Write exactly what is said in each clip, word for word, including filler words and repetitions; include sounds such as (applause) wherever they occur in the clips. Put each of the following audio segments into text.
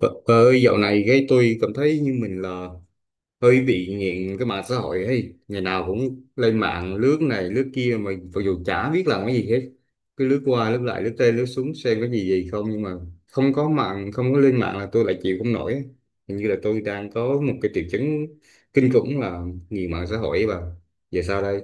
Vợ vợ ơi, dạo này cái tôi cảm thấy như mình là hơi bị nghiện cái mạng xã hội ấy. Ngày nào cũng lên mạng lướt này lướt kia mà mặc dù chả biết làm cái gì hết. Cứ lướt qua lướt lại lướt tên lướt xuống xem có gì gì không nhưng mà không có mạng không có lên mạng là tôi lại chịu không nổi ấy. Hình như là tôi đang có một cái triệu chứng kinh khủng là nghiện mạng xã hội ấy bà. Giờ sao đây?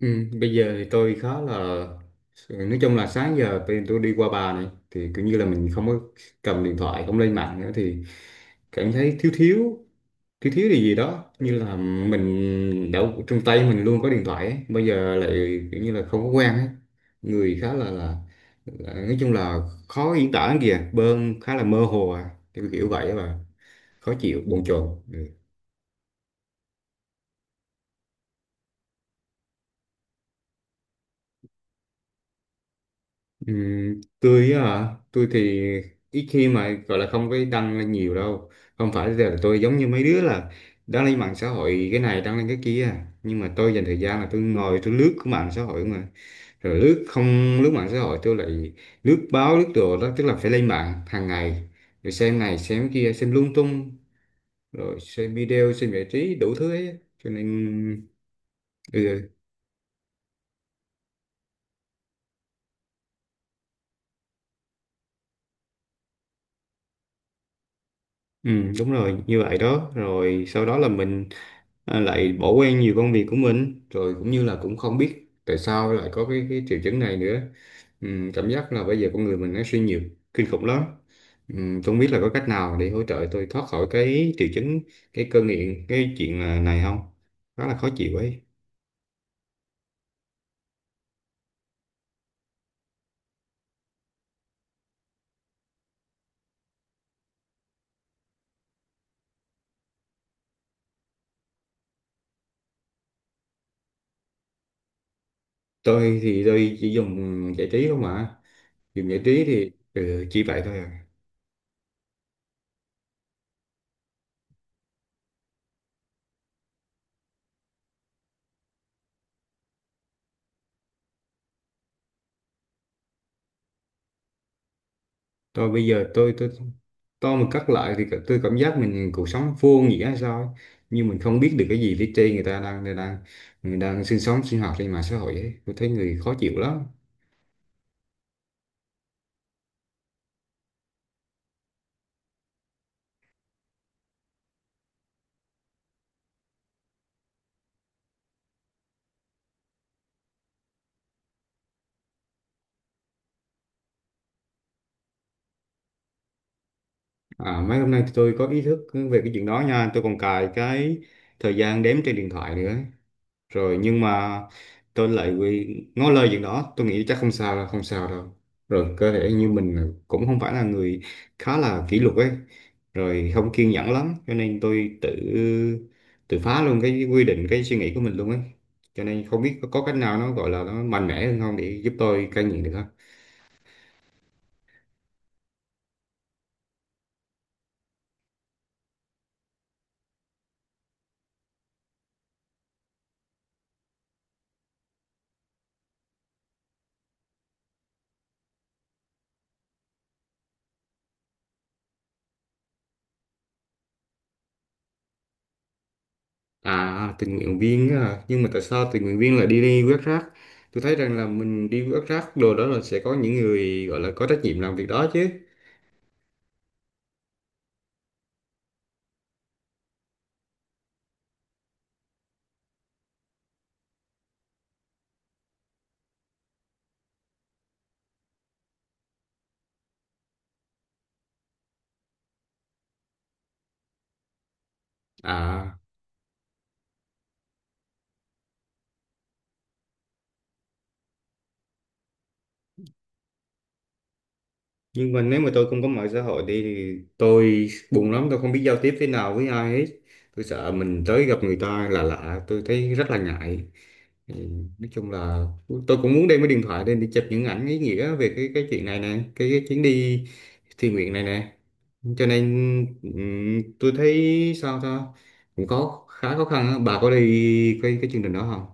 Ừ, bây giờ thì tôi khá là, nói chung là sáng giờ bên tôi đi qua bà này thì kiểu như là mình không có cầm điện thoại không lên mạng nữa thì cảm thấy thiếu thiếu, thiếu thiếu điều gì đó, như là mình đã trong tay mình luôn có điện thoại ấy, bây giờ lại kiểu như là không có quen ấy. Người khá là, là là nói chung là khó diễn tả lắm kìa bơn, khá là mơ hồ à, kiểu kiểu vậy, và khó chịu bồn chồn ừ. Ừm, tôi á hả? Tôi thì ít khi, mà gọi là không có đăng lên nhiều đâu, không phải là tôi giống như mấy đứa là đăng lên mạng xã hội cái này đăng lên cái kia, nhưng mà tôi dành thời gian là tôi ngồi tôi lướt cái mạng xã hội mà, rồi lướt không lướt mạng xã hội tôi lại lướt báo lướt đồ đó, tức là phải lên mạng hàng ngày rồi xem này xem kia xem lung tung, rồi xem video xem giải trí đủ thứ ấy, cho nên ừ. Ừ, đúng rồi, như vậy đó, rồi sau đó là mình, à, lại bỏ quên nhiều công việc của mình, rồi cũng như là cũng không biết tại sao lại có cái, cái triệu chứng này nữa, ừ, cảm giác là bây giờ con người mình nó suy nhiều kinh khủng lắm. Ừ, tôi không biết là có cách nào để hỗ trợ tôi thoát khỏi cái triệu chứng, cái cơn nghiện, cái chuyện là- này không, rất là khó chịu ấy. Tôi thì tôi chỉ dùng giải trí không mà, dùng giải trí thì ừ, chỉ vậy thôi à. Tôi bây giờ tôi tôi, tôi mà cắt lại thì tôi cảm giác mình cuộc sống vô nghĩa hay sao ấy. Nhưng mình không biết được cái gì phía trên người ta đang đang đang người đang sinh sống sinh hoạt trên mạng xã hội ấy. Tôi thấy người khó chịu lắm. À, mấy hôm nay tôi có ý thức về cái chuyện đó nha, tôi còn cài cái thời gian đếm trên điện thoại nữa rồi, nhưng mà tôi lại quy, ngó lơ chuyện đó, tôi nghĩ chắc không sao đâu không sao đâu, rồi cơ thể như mình là- cũng không phải là người khá là kỷ luật ấy, rồi không kiên nhẫn lắm, cho nên tôi tự tự phá luôn cái quy định cái suy nghĩ của mình luôn ấy. Cho nên không biết có, có cách nào nó gọi là nó mạnh mẽ hơn không để giúp tôi cai nghiện được không. À tình nguyện viên á hả? Nhưng mà tại sao tình nguyện viên lại đi, đi quét rác? Tôi thấy rằng là mình đi quét rác đồ đó là sẽ có những người gọi là có trách nhiệm làm việc đó chứ. À nhưng mà nếu mà tôi không có mạng xã hội đi thì tôi buồn lắm, tôi không biết giao tiếp thế nào với ai hết, tôi sợ mình tới gặp người ta là lạ, tôi thấy rất là ngại. Ừ, nói chung là tôi cũng muốn đem cái điện thoại lên để chụp những ảnh ý nghĩa về cái cái chuyện này nè, cái, cái chuyến đi thiện nguyện này nè, cho nên ừm, tôi thấy sao ta, cũng có khá khó khăn á. Bà có đi cái cái chương trình đó không?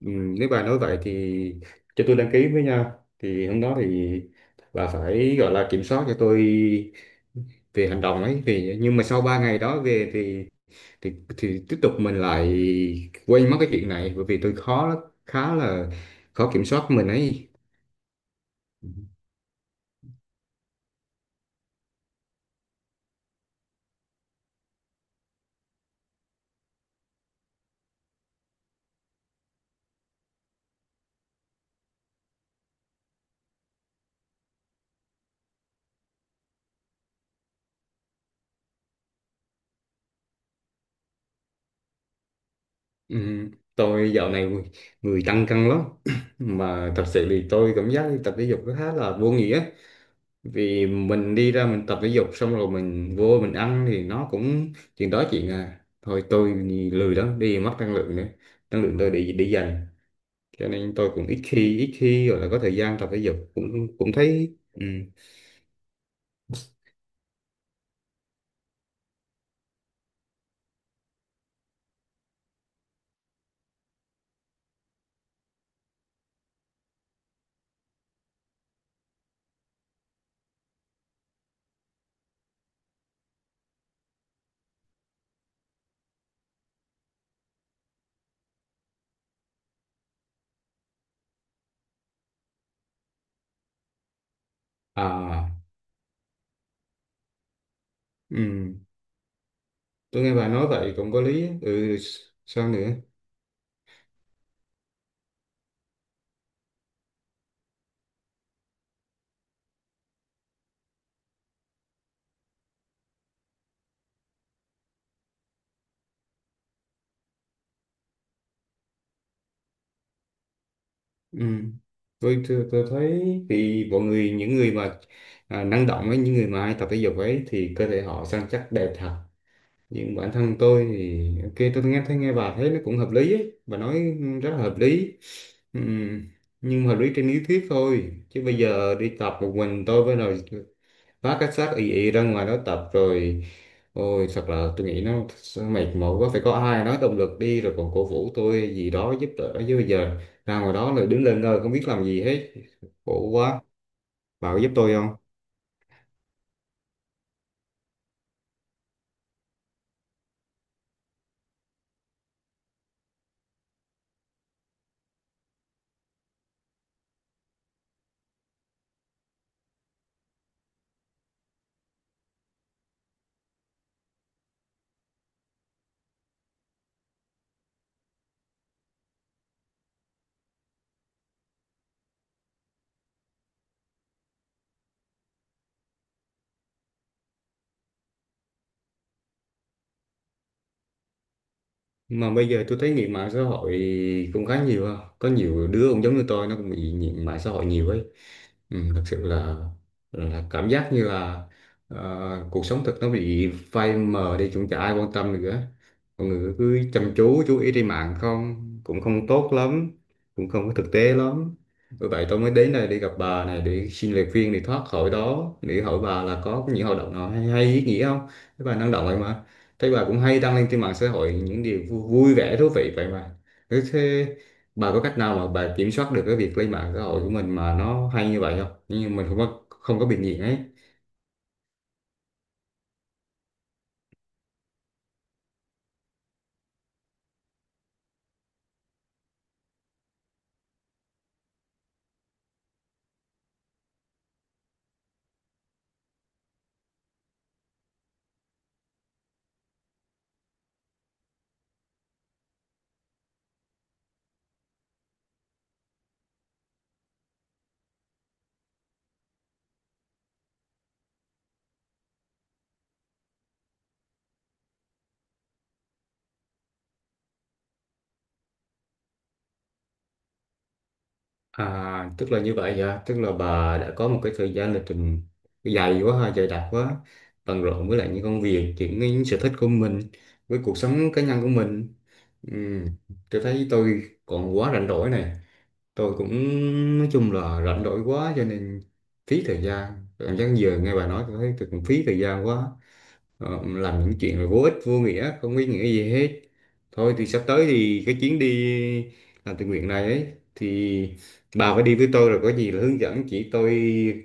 Ừ, nếu bà nói vậy thì cho tôi đăng ký với nha. Thì hôm đó thì bà phải gọi là kiểm soát cho tôi về hành động ấy, vì nhưng mà sau ba ngày đó về thì, thì thì tiếp tục mình lại quên mất cái chuyện này, bởi vì tôi khó lắm, khá là khó kiểm soát mình ấy. Ừ, tôi dạo này người, người tăng cân lắm (clears throat) mà thật sự thì tôi cảm giác đi tập thể dục nó khá là vô nghĩa, vì mình đi ra mình tập thể dục xong rồi mình vô mình ăn thì nó cũng chuyện đó chuyện à, thôi tôi lười lắm, đi mất năng lượng nữa, năng lượng tôi để để dành, cho nên tôi cũng ít khi ít khi gọi là có thời gian tập thể dục, cũng cũng thấy ừ. À ừ. Tôi nghe bà nói vậy cũng có lý á. Ừ, sao nữa? Ừ, tôi, tôi tôi thấy thì mọi người những người mà, à, năng động ấy, những người mà hay tập thể dục ấy thì cơ thể họ săn chắc đẹp thật, nhưng bản thân tôi thì ok, tôi nghe thấy nghe bà thấy nó cũng hợp lý ấy. Bà nói rất là hợp lý. Ừm, nhưng mà hợp lý trên lý thuyết thôi, chứ bây giờ đi tập một mình tôi với rồi vác cái xác ì ì ra ngoài đó tập, rồi ôi thật là tôi nghĩ nó sẽ mệt mỏi quá, phải có ai nói động lực đi rồi còn cổ vũ tôi gì đó giúp đỡ, chứ bây giờ ra ngoài đó rồi đứng lên ngơ không biết làm gì hết, khổ quá. Bà có giúp tôi không? Mà bây giờ tôi thấy nghiện mạng xã hội cũng khá nhiều ha, có nhiều đứa cũng giống như tôi, nó cũng bị nghiện mạng xã hội nhiều ấy. Ừ, thực sự là là cảm giác như là, ờ, cuộc sống thực nó bị phai mờ đi, cũng chả ai quan tâm nữa, mọi người cứ chăm chú chú ý trên mạng không, cũng không tốt lắm, cũng không có thực tế lắm, bởi vậy tôi mới đến đây để gặp bà này để xin lời khuyên để thoát khỏi đó, để hỏi bà là có những hoạt động nào hay, hay ý nghĩa không. Thế bà năng động vậy mà, thấy bà cũng hay đăng lên trên mạng xã hội những điều vui, vui vẻ thú vị vậy mà, thế, bà có cách nào mà bà kiểm soát được cái việc lên mạng xã hội của mình mà nó hay như vậy không? Nhưng mà mình không có, không có bị nghiện ấy. À, tức là như vậy hả? Tức là bà đã có một cái thời gian lịch trình dài quá ha, dày đặc quá, bận rộn với lại những công việc, những, những sở thích của mình, với cuộc sống cá nhân của mình. Ừm, tôi thấy tôi còn quá rảnh rỗi này. Tôi cũng nói chung là rảnh rỗi quá, cho nên phí thời gian. Cảm giác giờ nghe bà nói tôi thấy tôi cũng phí thời gian quá. Ờ, làm những chuyện là vô ích vô nghĩa không ý nghĩa gì hết, thôi thì sắp tới thì cái chuyến đi làm tình nguyện này ấy, thì bà phải đi với tôi rồi có gì là hướng dẫn chỉ tôi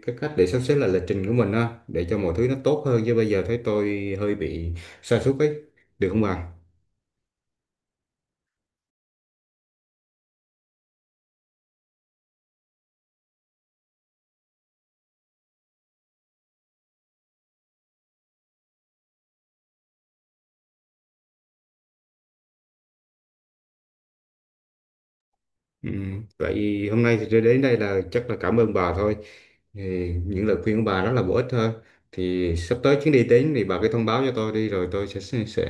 cái cách để sắp xếp lại lịch trình của mình á, để cho mọi thứ nó tốt hơn, chứ bây giờ thấy tôi hơi bị sa sút ấy, được không bà? Ừ. Vậy hôm nay thì đến đây là chắc là cảm ơn bà thôi. Thì những lời khuyên của bà rất là bổ ích thôi. Thì sắp tới chuyến đi đến thì bà cứ thông báo cho tôi đi, rồi tôi sẽ sẽ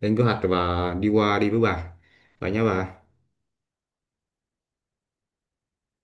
lên kế hoạch và đi qua đi với bà. Vậy nha bà.